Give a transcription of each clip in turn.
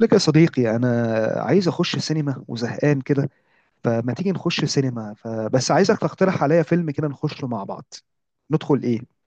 لك يا صديقي، انا عايز اخش سينما وزهقان كده. فما تيجي نخش سينما؟ فبس عايزك تقترح عليا فيلم كده نخشه مع بعض. ندخل ايه؟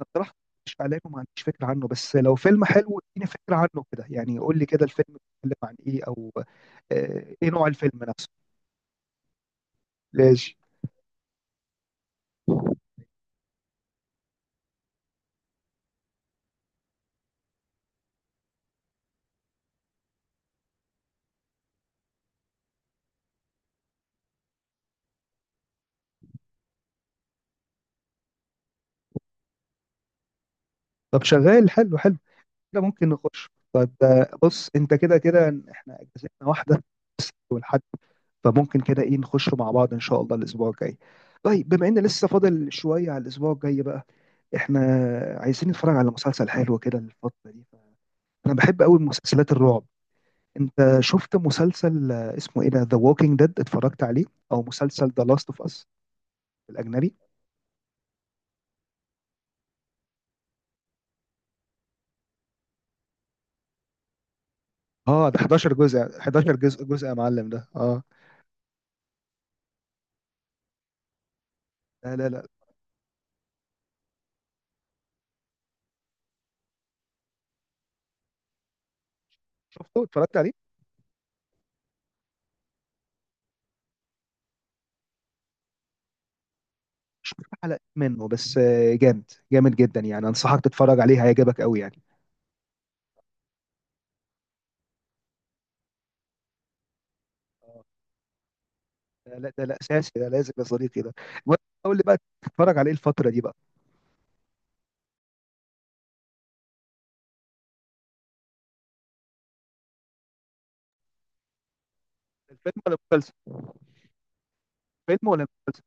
اقترح مش عليك وما عنديش فكره عنه، بس لو فيلم حلو اديني فكره عنه كده، يعني قول لي كده الفيلم بيتكلم عن ايه، او ايه نوع الفيلم نفسه؟ ماشي. طب شغال، حلو حلو كده ممكن نخش. طب بص، انت كده كده احنا اجازتنا واحده بس، ولحد. فممكن كده ايه نخش مع بعض ان شاء الله الاسبوع الجاي. طيب، بما ان لسه فاضل شويه على الاسبوع الجاي بقى، احنا عايزين نتفرج على مسلسل حلو كده الفتره دي. انا بحب قوي مسلسلات الرعب. انت شفت مسلسل اسمه ايه ده، ذا ووكينج ديد؟ اتفرجت عليه؟ او مسلسل ذا لاست اوف اس الاجنبي؟ اه، ده 11 جزء، 11 جزء جزء يا معلم ده، اه. لا لا لا، شفته، اتفرجت عليه. شفت حلقة منه بس، جامد، جامد جدا يعني، انصحك تتفرج عليه، هيعجبك قوي يعني. لا لا، ده لا، اساسي ده، لازم يا صديقي ده. المهم، قول لي بقى تتفرج على ايه الفتره دي بقى؟ الفيلم ولا المسلسل؟ فيلم ولا مسلسل؟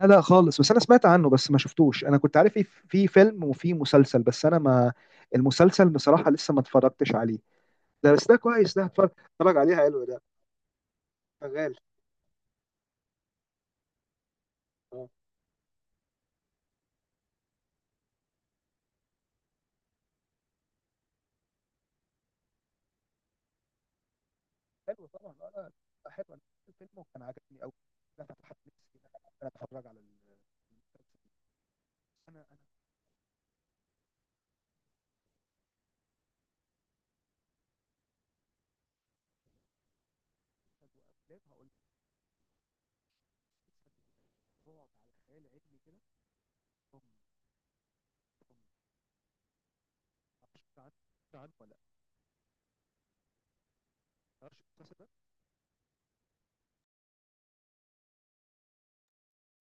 لا لا خالص، بس انا سمعت عنه، بس ما شفتوش. انا كنت عارف في فيلم وفي مسلسل، بس انا ما، المسلسل بصراحه لسه ما اتفرجتش عليه ده. بس ده كويس ده، اتفرج. اتفرج عليه، حلو ده. شغال. اه، حلو طبعا، اه. لا لا، حلو. انا شفت الفيلم وكان عجبني قوي. انا فتحت نفسي إن انا اتفرج على المسلسل. انا، انا مسلسل وافلام. هقول لك مسلسل رعب على خيال علمي كده، بوم، بوم.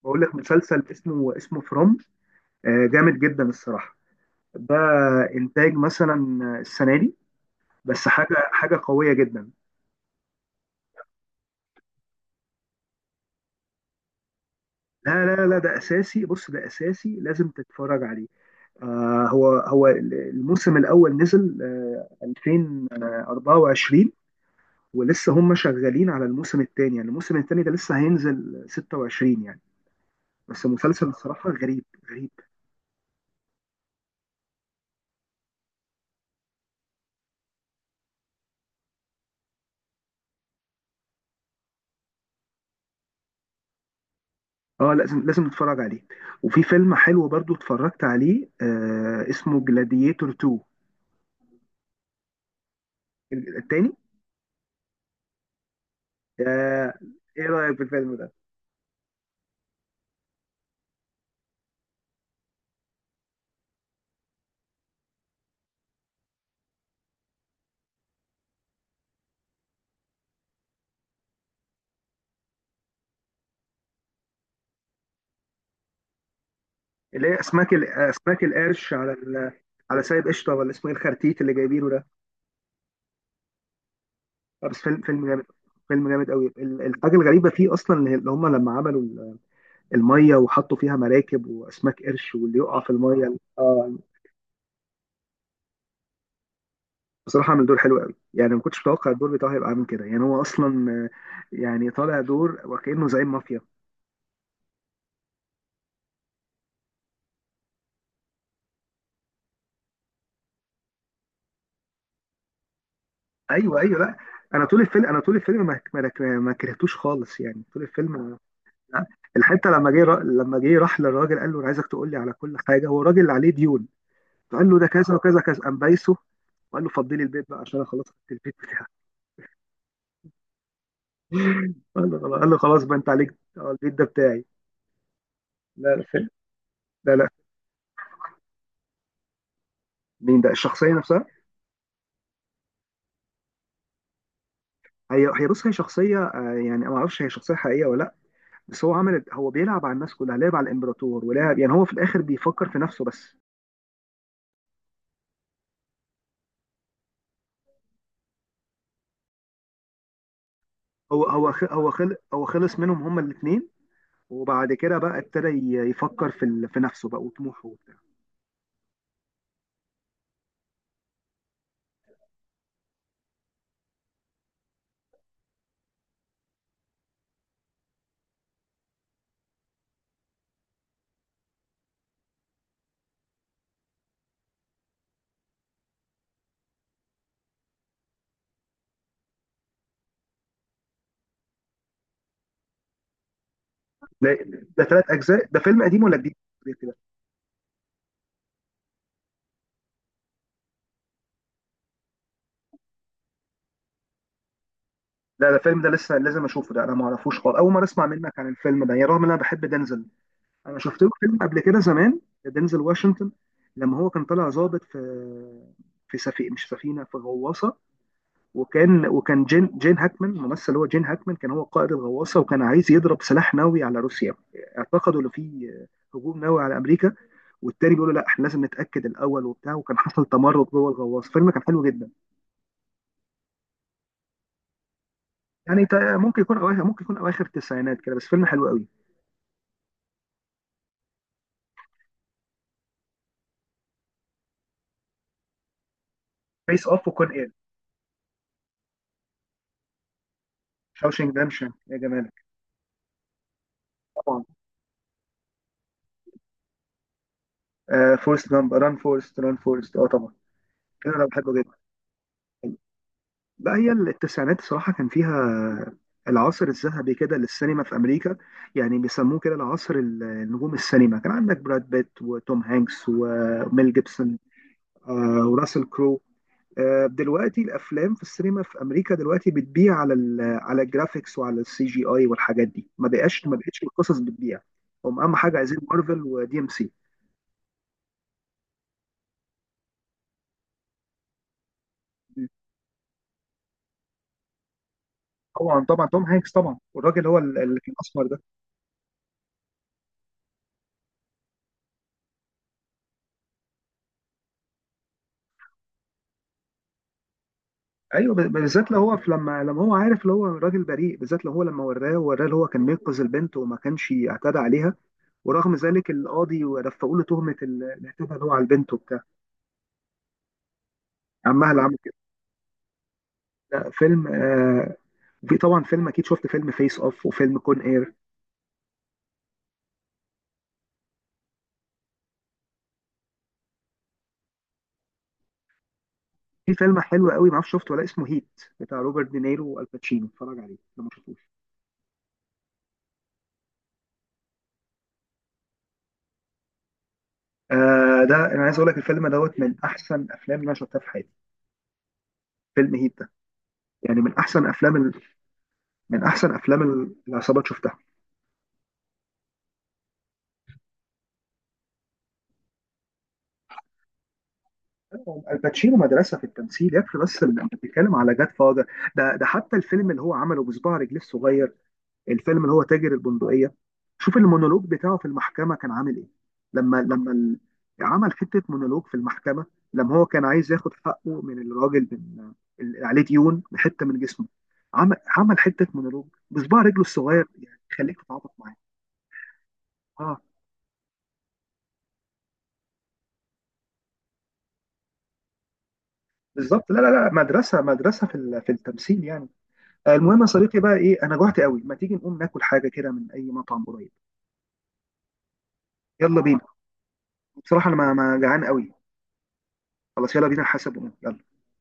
بقول لك مسلسل اسمه فروم. جامد جدا الصراحه ده، انتاج مثلا السنه دي، بس حاجه، حاجه قويه جدا. لا لا لا، ده اساسي، بص ده اساسي، لازم تتفرج عليه. آه، هو هو الموسم الاول نزل آه 2024، ولسه هم شغالين على الموسم الثاني، يعني الموسم الثاني ده لسه هينزل 26 يعني. بس مسلسل الصراحه غريب، غريب. اه لازم، لازم نتفرج عليه. وفي فيلم حلو برضو اتفرجت عليه آه، اسمه جلاديتور 2، التاني. آه، ايه رأيك في الفيلم ده؟ اللي هي اسماك اسماك القرش على سايب قشطه، ولا اسمه ايه الخرتيت اللي جايبينه ده؟ آه، بس فيلم، فيلم جامد. فيلم جامد قوي. الحاجه الغريبه فيه اصلا ان اللي هم لما عملوا الميه وحطوا فيها مراكب واسماك قرش، واللي يقع في الميه، اه. بصراحه عمل دور حلو قوي، يعني ما كنتش متوقع الدور بتاعه هيبقى عامل كده، يعني هو اصلا يعني طالع دور وكأنه زعيم مافيا. ايوه ايوه، لا انا طول الفيلم، انا طول الفيلم ما كرهتوش خالص يعني طول الفيلم. لا، الحته لما لما جه راح للراجل قال له انا عايزك تقول لي على كل حاجه، هو الراجل اللي عليه ديون. فقال له ده كذا وكذا كذا، قام بايسه وقال له فضلي البيت بقى عشان انا خلاص خدت البيت بتاعك. قال له خلاص، قال له خلاص بقى انت عليك البيت ده بتاعي. لا لا فيلم. لا لا، مين ده؟ الشخصيه نفسها؟ هي هي، بص هي شخصيه يعني ما اعرفش هي شخصيه حقيقيه ولا لا، بس هو عمل، هو بيلعب على الناس كلها، لعب على الامبراطور ولعب، يعني هو في الاخر بيفكر في نفسه بس. هو هو خ- هو خل هو خلص منهم هما الاثنين، وبعد كده بقى ابتدى يفكر في في نفسه بقى وطموحه وبتاع. لا، ده ثلاث اجزاء ده، فيلم قديم ولا جديد كده؟ لا ده الفيلم ده لسه لازم اشوفه ده، انا ما اعرفوش خالص، اول مره اسمع منك عن الفيلم ده، يعني رغم ان انا بحب دنزل. انا شفت له فيلم قبل كده زمان، دنزل واشنطن، لما هو كان طالع ظابط في، في سفينه، مش سفينه، في غواصه. وكان جين هاكمان الممثل، هو جين هاكمان كان هو قائد الغواصه وكان عايز يضرب سلاح نووي على روسيا. اعتقدوا ان في هجوم نووي على امريكا، والتاني بيقول له لا، احنا لازم نتاكد الاول وبتاع، وكان حصل تمرد جوه الغواصه، فيلم كان حلو جدا. يعني ممكن يكون اواخر التسعينات كده، بس فيلم حلو قوي. فيس اوف وكون اير. شاوشينج دامشن يا جمالك، طبعا. آه فورست جامب، ران فورست ران فورست، اه طبعا. انا بحبه جدا. لا، هي التسعينات صراحة كان فيها العصر الذهبي كده للسينما في أمريكا. يعني بيسموه كده العصر، النجوم السينما كان عندك براد بيت وتوم هانكس وميل جيبسون، وراسل كرو. دلوقتي الأفلام في السينما في أمريكا دلوقتي بتبيع على على الجرافيكس وعلى السي جي آي والحاجات دي، ما بقتش القصص بتبيع. هم أهم حاجة عايزين مارفل ودي إم سي. طبعا طبعا توم هانكس طبعا، والراجل هو الأسمر ده. ايوه، بالذات لو هو في، لما هو عارف اللي هو راجل بريء، بالذات لو هو لما وراه اللي هو كان بينقذ البنت وما كانش اعتدى عليها، ورغم ذلك القاضي رفعوا له تهمه الاعتداء اللي هو على البنت وبتاع. عمها اللي عمل كده. لا فيلم آه، في طبعا فيلم، اكيد شفت فيلم فيس اوف وفيلم كون اير. في فيلم حلو قوي ما اعرفش شفته ولا، اسمه هيت، بتاع روبرت دينيرو والباتشينو، اتفرج عليه لو ما شفتوش. آه ده انا عايز اقول لك، الفيلم دوت من احسن افلام اللي انا شفتها في حياتي، فيلم هيت ده. يعني من احسن افلام العصابات شفتها. الباتشينو مدرسه في التمثيل، يكفي بس اللي انت بتتكلم على جاد فاذر. ده حتى الفيلم اللي هو عمله بصباع رجليه الصغير، الفيلم اللي هو تاجر البندقيه، شوف المونولوج بتاعه في المحكمه كان عامل ايه. لما لما ال- عمل حته مونولوج في المحكمه، لما هو كان عايز ياخد حقه من الراجل، من اللي عليه ديون حته من جسمه، عمل حته مونولوج بصباع رجله الصغير، يعني خليك تتعاطف معاه. اه بالظبط. لا لا لا، مدرسه، مدرسه في في التمثيل يعني. المهم يا صديقي بقى ايه، انا جوعت قوي، ما تيجي نقوم ناكل حاجه كده من اي مطعم قريب؟ يلا بينا، بصراحه انا ما، ما جعان قوي. خلاص، يلا بينا حسب ونقوم، يلا.